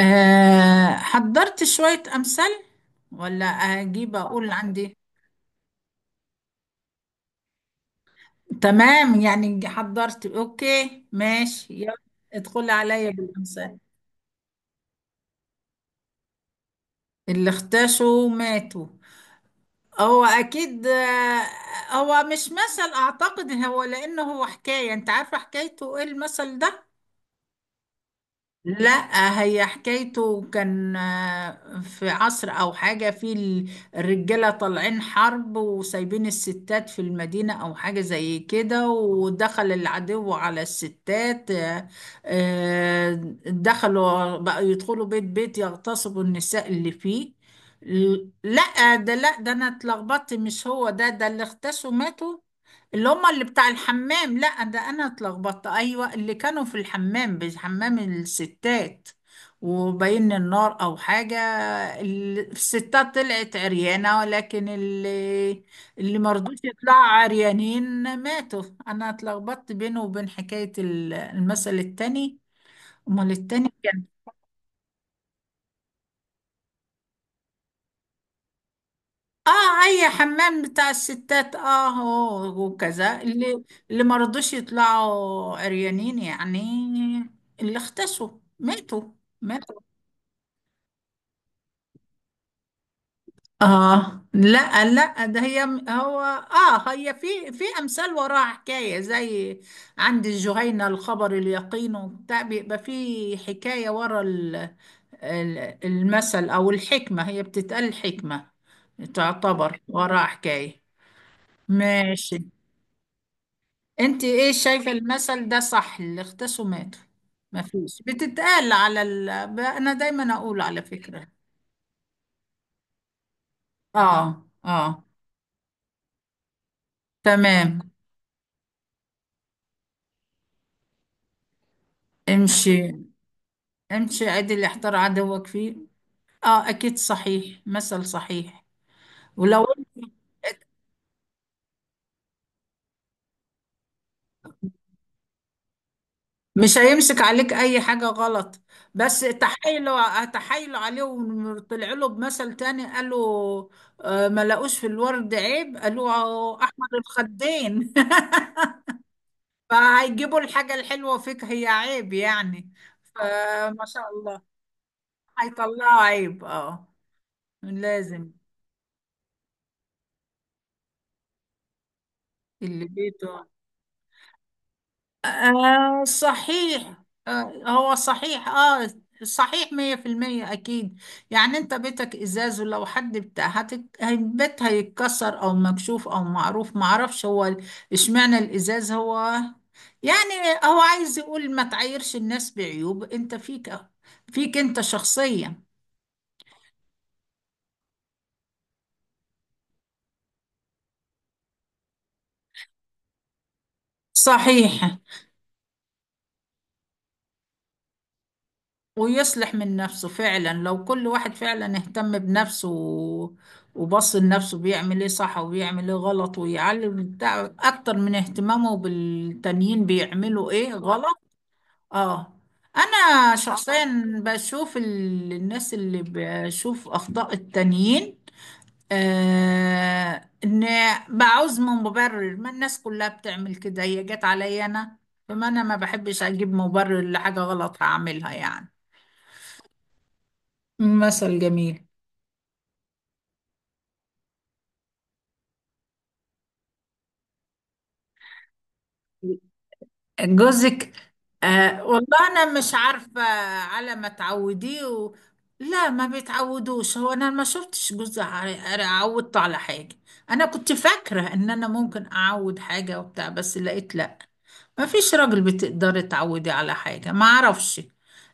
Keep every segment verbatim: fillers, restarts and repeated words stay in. أه حضرت شوية أمثال. ولا أجيب، أقول عندي. تمام، يعني حضرت. أوكي، ماشي، يلا. ادخل عليا بالأمثال. اللي اختشوا ماتوا. هو أكيد، آه، هو مش مثل أعتقد، هو لأنه هو حكاية. أنت عارفة حكايته إيه المثل ده؟ لا، هي حكايته كان، آه، في عصر او حاجة، في ال- الرجالة طالعين حرب، وسايبين الستات في المدينة او حاجة زي كده، ودخل العدو على الستات، آه، آه، دخلوا بقى يدخلوا بيت بيت، يغتصبوا النساء اللي فيه. ل- لا ده، لا ده انا اتلخبطت، مش هو ده ده اللي اغتصوا ماتوا. اللي هما اللي بتاع الحمام. لا، ده انا اتلخبطت، ايوه، اللي كانوا في الحمام، بج- حمام الستات وبين النار او حاجه. ال- الستات طلعت عريانه، ولكن اللي اللي مرضوش يطلعوا عريانين ماتوا. انا اتلخبطت بينه وبين حكايه ال- المثل التاني. امال التاني كان اه اي حمام بتاع الستات، اه، هو وكذا، اللي اللي ما رضوش يطلعوا عريانين يعني. اللي اختسوا ماتوا، ماتوا. اه لا، لا، ده هي هو، اه هي في في امثال وراها حكايه، زي عند الجهينه الخبر اليقين، وبتاع بيبقى في حكايه ورا ال- ال- المثل او الحكمه، هي بتتقال حكمه، تعتبر وراها حكايه. ماشي. انت ايه شايفه المثل ده صح، اللي اختصوا ماتوا؟ ما فيش بتتقال على ال... ب- انا دايما اقول، على فكره. اه، اه، تمام. امشي. امشي ادي اللي احتار عدوك فيه. اه، اكيد صحيح، مثل صحيح. ولو انت مش هيمسك عليك اي حاجه غلط. بس تحايلوا تحايلوا عليه، وطلع له بمثل تاني، قالوا آه، ما لقوش في الورد عيب، قالوا آه، احمر الخدين. فهيجيبوا الحاجة الحلوة فيك هي عيب يعني. فما شاء الله. هيطلعوا عيب، اه. لازم. اللي بيته، آه صحيح، آه هو صحيح، اه. صحيح مية في المية، أكيد. يعني أنت بيتك إزاز، ولو حد بتاع هتك... البيت هيتكسر، أو مكشوف أو معروف، معرفش هو ال- إشمعنى الإزاز هو، يعني هو عايز يقول، ما تعايرش الناس بعيوب أنت فيك، فيك أنت شخصيا. صحيح. ويصلح من نفسه فعلا، لو كل واحد فعلا اهتم بنفسه و- وبص لنفسه بيعمل ايه صح وبيعمل ايه غلط، ويعلم بتاع اكتر من اهتمامه بالتانيين بيعملوا ايه غلط. اه. انا شخصيا بشوف ال- الناس اللي بشوف اخطاء التانيين، آه ان بعوز من مبرر، ما الناس كلها بتعمل كده، هي جت عليا انا؟ فما انا ما بحبش اجيب مبرر لحاجة غلط هعملها يعني. مثل جميل. جوزك، آه والله انا مش عارفه. على ما تعوديه و... لا، ما بيتعودوش، هو انا ما شفتش جوزي ع- عودته على حاجه. انا كنت فاكره ان انا ممكن اعود حاجه وبتاع، بس لقيت لا. ما فيش راجل بتقدري تعودي على حاجه، ما اعرفش.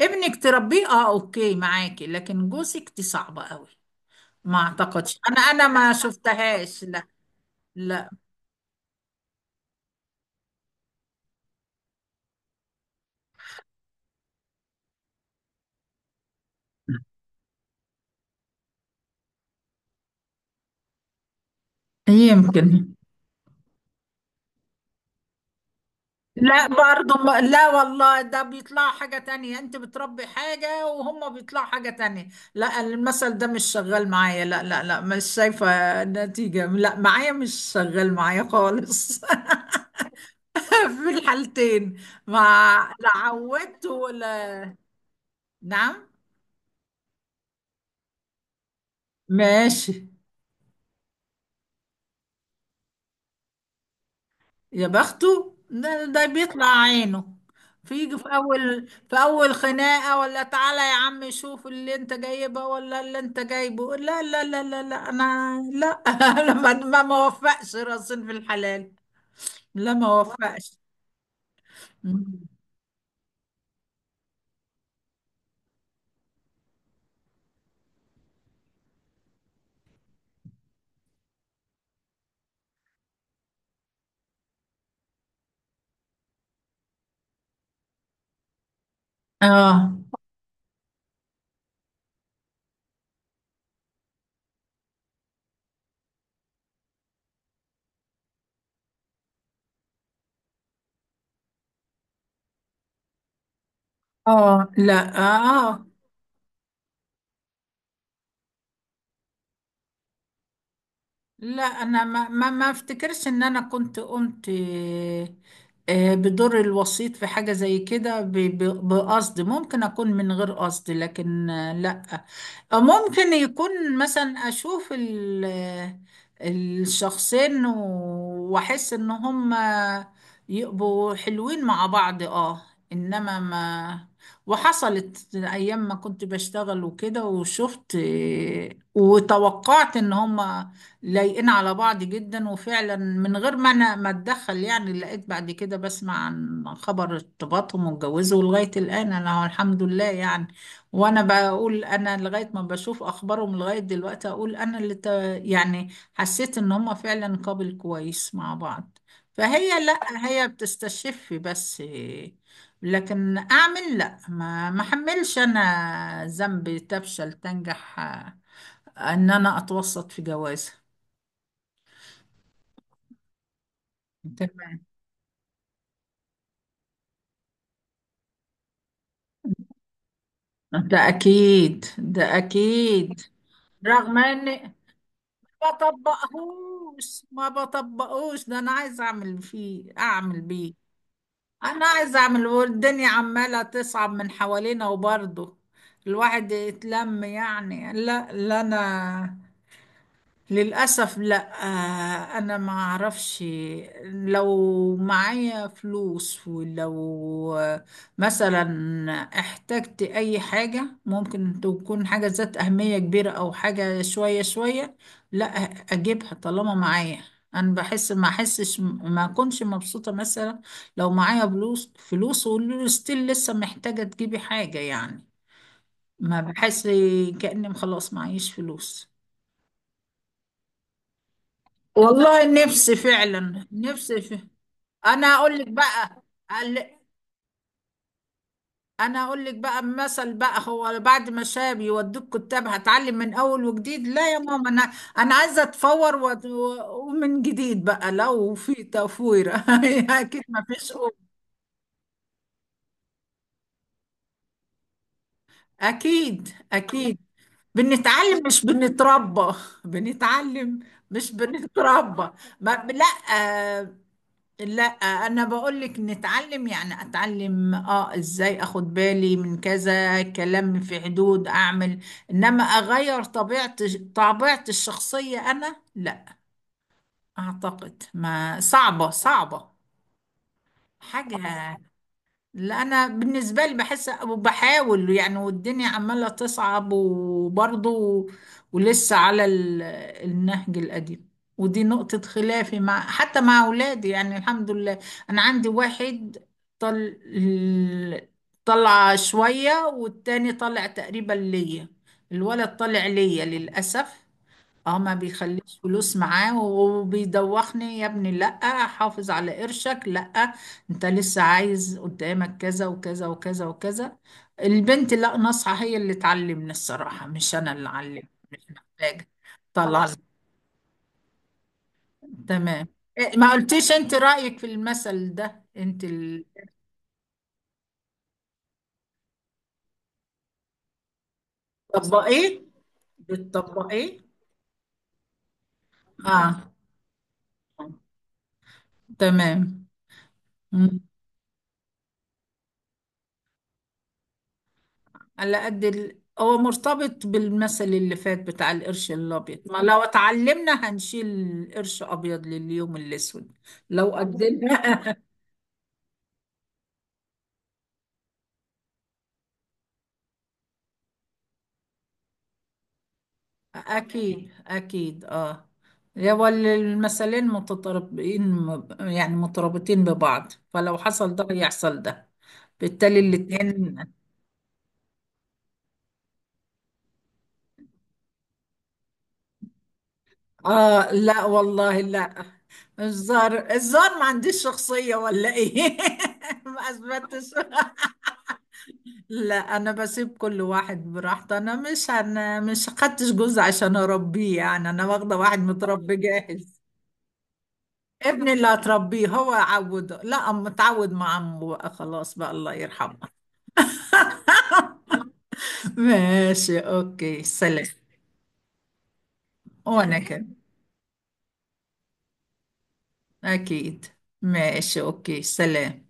ابنك تربيه، اه، اوكي معاكي، لكن جوزك دي صعبه قوي. ما اعتقدش انا انا ما شفتهاش، لا. لا. يمكن. لا، برضو ما، لا والله، ده بيطلع حاجة تانية، انت بتربي حاجة وهم بيطلعوا حاجة تانية. لا، المثل ده مش شغال معايا، لا لا لا، مش شايفة نتيجة، لا معايا، مش شغال معايا خالص. في الحالتين. ما، لا عودت ولا... نعم. ماشي. يا بخته، ده, ده بيطلع عينه. فيجي في اول، في اول خناقه، ولا تعالى يا عم شوف اللي انت جايبه، ولا اللي انت جايبه، لا لا لا لا لا، انا لا. انا ما ما ما وفقش راسين في الحلال. لا، ما وفقش. اه، اه، لا، اه، آه. لا انا ما ما, ما افتكرش ان انا كنت قمت، آه، آه، بدور الوسيط في حاجة زي كده، ب- ب- بقصد، ممكن اكون من غير قصد، لكن آه، لا. آه، ممكن يكون مثلا، اشوف ال- آه، الشخصين و- واحس ان هم يبقوا حلوين مع بعض، اه. انما ما، وحصلت ايام ما كنت بشتغل وكده، وشفت، آه، وتوقعت ان هم لايقين على بعض جدا، وفعلا من غير ما انا ما اتدخل يعني، لقيت بعد كده بسمع عن خبر ارتباطهم واتجوزوا لغاية الآن، انا الحمد لله يعني. وانا بقول، انا لغاية ما بشوف اخبارهم لغاية دلوقتي، اقول انا اللي ت... يعني حسيت ان هم فعلا قابل كويس مع بعض، فهي، لا هي بتستشف بس، لكن اعمل، لا ما ما احملش انا ذنب تفشل تنجح، آه، ان انا اتوسط في جوازها. تمام. ده اكيد، ده اكيد. رغم اني ما بطبقهوش، ما بطبقهوش، ده انا عايز اعمل فيه، اعمل بيه. انا عايز اعمل، والدنيا عماله تصعب من حوالينا، وبرضه الواحد يتلم يعني، لا لا، انا للأسف لا. آه، أنا ما أعرفش. لو معايا فلوس، ولو، آه، مثلا احتجت أي حاجة، ممكن تكون حاجة ذات أهمية كبيرة أو حاجة شوية شوية، لا، أجيبها طالما معايا. أنا بحس، ما أحسش ما أكونش مبسوطة، مثلا لو معايا فلوس فلوس، وستيل لسه محتاجة تجيبي حاجة يعني. ما بحس كأني خلاص معيش فلوس. والله نفسي فعلا، نفسي ف... انا اقول لك بقى، قال- انا اقول لك بقى مثل بقى، هو بعد ما شاب يودوك كتاب، هتعلم من اول وجديد، لا يا ماما، انا انا عايزه اتفور و... و... ومن جديد بقى، لو في تفوير. اكيد ما فيش قوة. اكيد، اكيد. بنتعلم مش بنتربى. بنتعلم مش بنتربى. ما... لا. آه، لا، انا بقول لك نتعلم، يعني اتعلم، اه، ازاي اخد بالي من كذا، كلام في حدود اعمل، انما اغير طبيعة طبيعة الشخصية، انا لا اعتقد، ما صعبة، صعبة حاجة. لا، انا بالنسبه لي بحس وبحاول يعني، والدنيا عماله تصعب، وبرضه ولسه على ال- النهج القديم. ودي نقطه خلافي مع، حتى مع اولادي يعني. الحمد لله، انا عندي واحد طل طلع شويه، والتاني طلع تقريبا ليا. الولد طلع ليا للاسف. اه، ما بيخليش فلوس معاه، وبيدوخني، يا ابني لأ، حافظ على قرشك، لأ، انت لسه عايز قدامك كذا وكذا وكذا وكذا. البنت لأ، ناصحة، هي اللي تعلمنا الصراحة، مش انا اللي علمت، مش محتاجة. طلع خلاص. تمام. إيه، ما قلتيش انت رأيك في المثل ده، انت ال- بتطبقيه؟ بتطبقيه؟ اه. تمام. على قد ال... هو مرتبط بالمثل اللي فات بتاع القرش الابيض، ما لو اتعلمنا هنشيل قرش ابيض لليوم الاسود. لو قدمنا، اكيد اكيد، اه. هو ال- المثلين متطابقين، يعني مترابطين ببعض، فلو حصل ده يحصل ده، بالتالي الاتنين. اه لا والله، لا. الزار الزار، ما عنديش شخصية ولا ايه؟ ما اثبتش. لا، انا بسيب كل واحد براحته، انا مش، انا مش خدتش جوز عشان اربيه يعني، انا واخده واحد متربي جاهز. ابني اللي هتربيه هو عوده، لا، اما اتعود مع عمه بقى خلاص، بقى الله يرحمه. ماشي، اوكي، سلام. وانا كده، اكيد. ماشي، اوكي، سلام.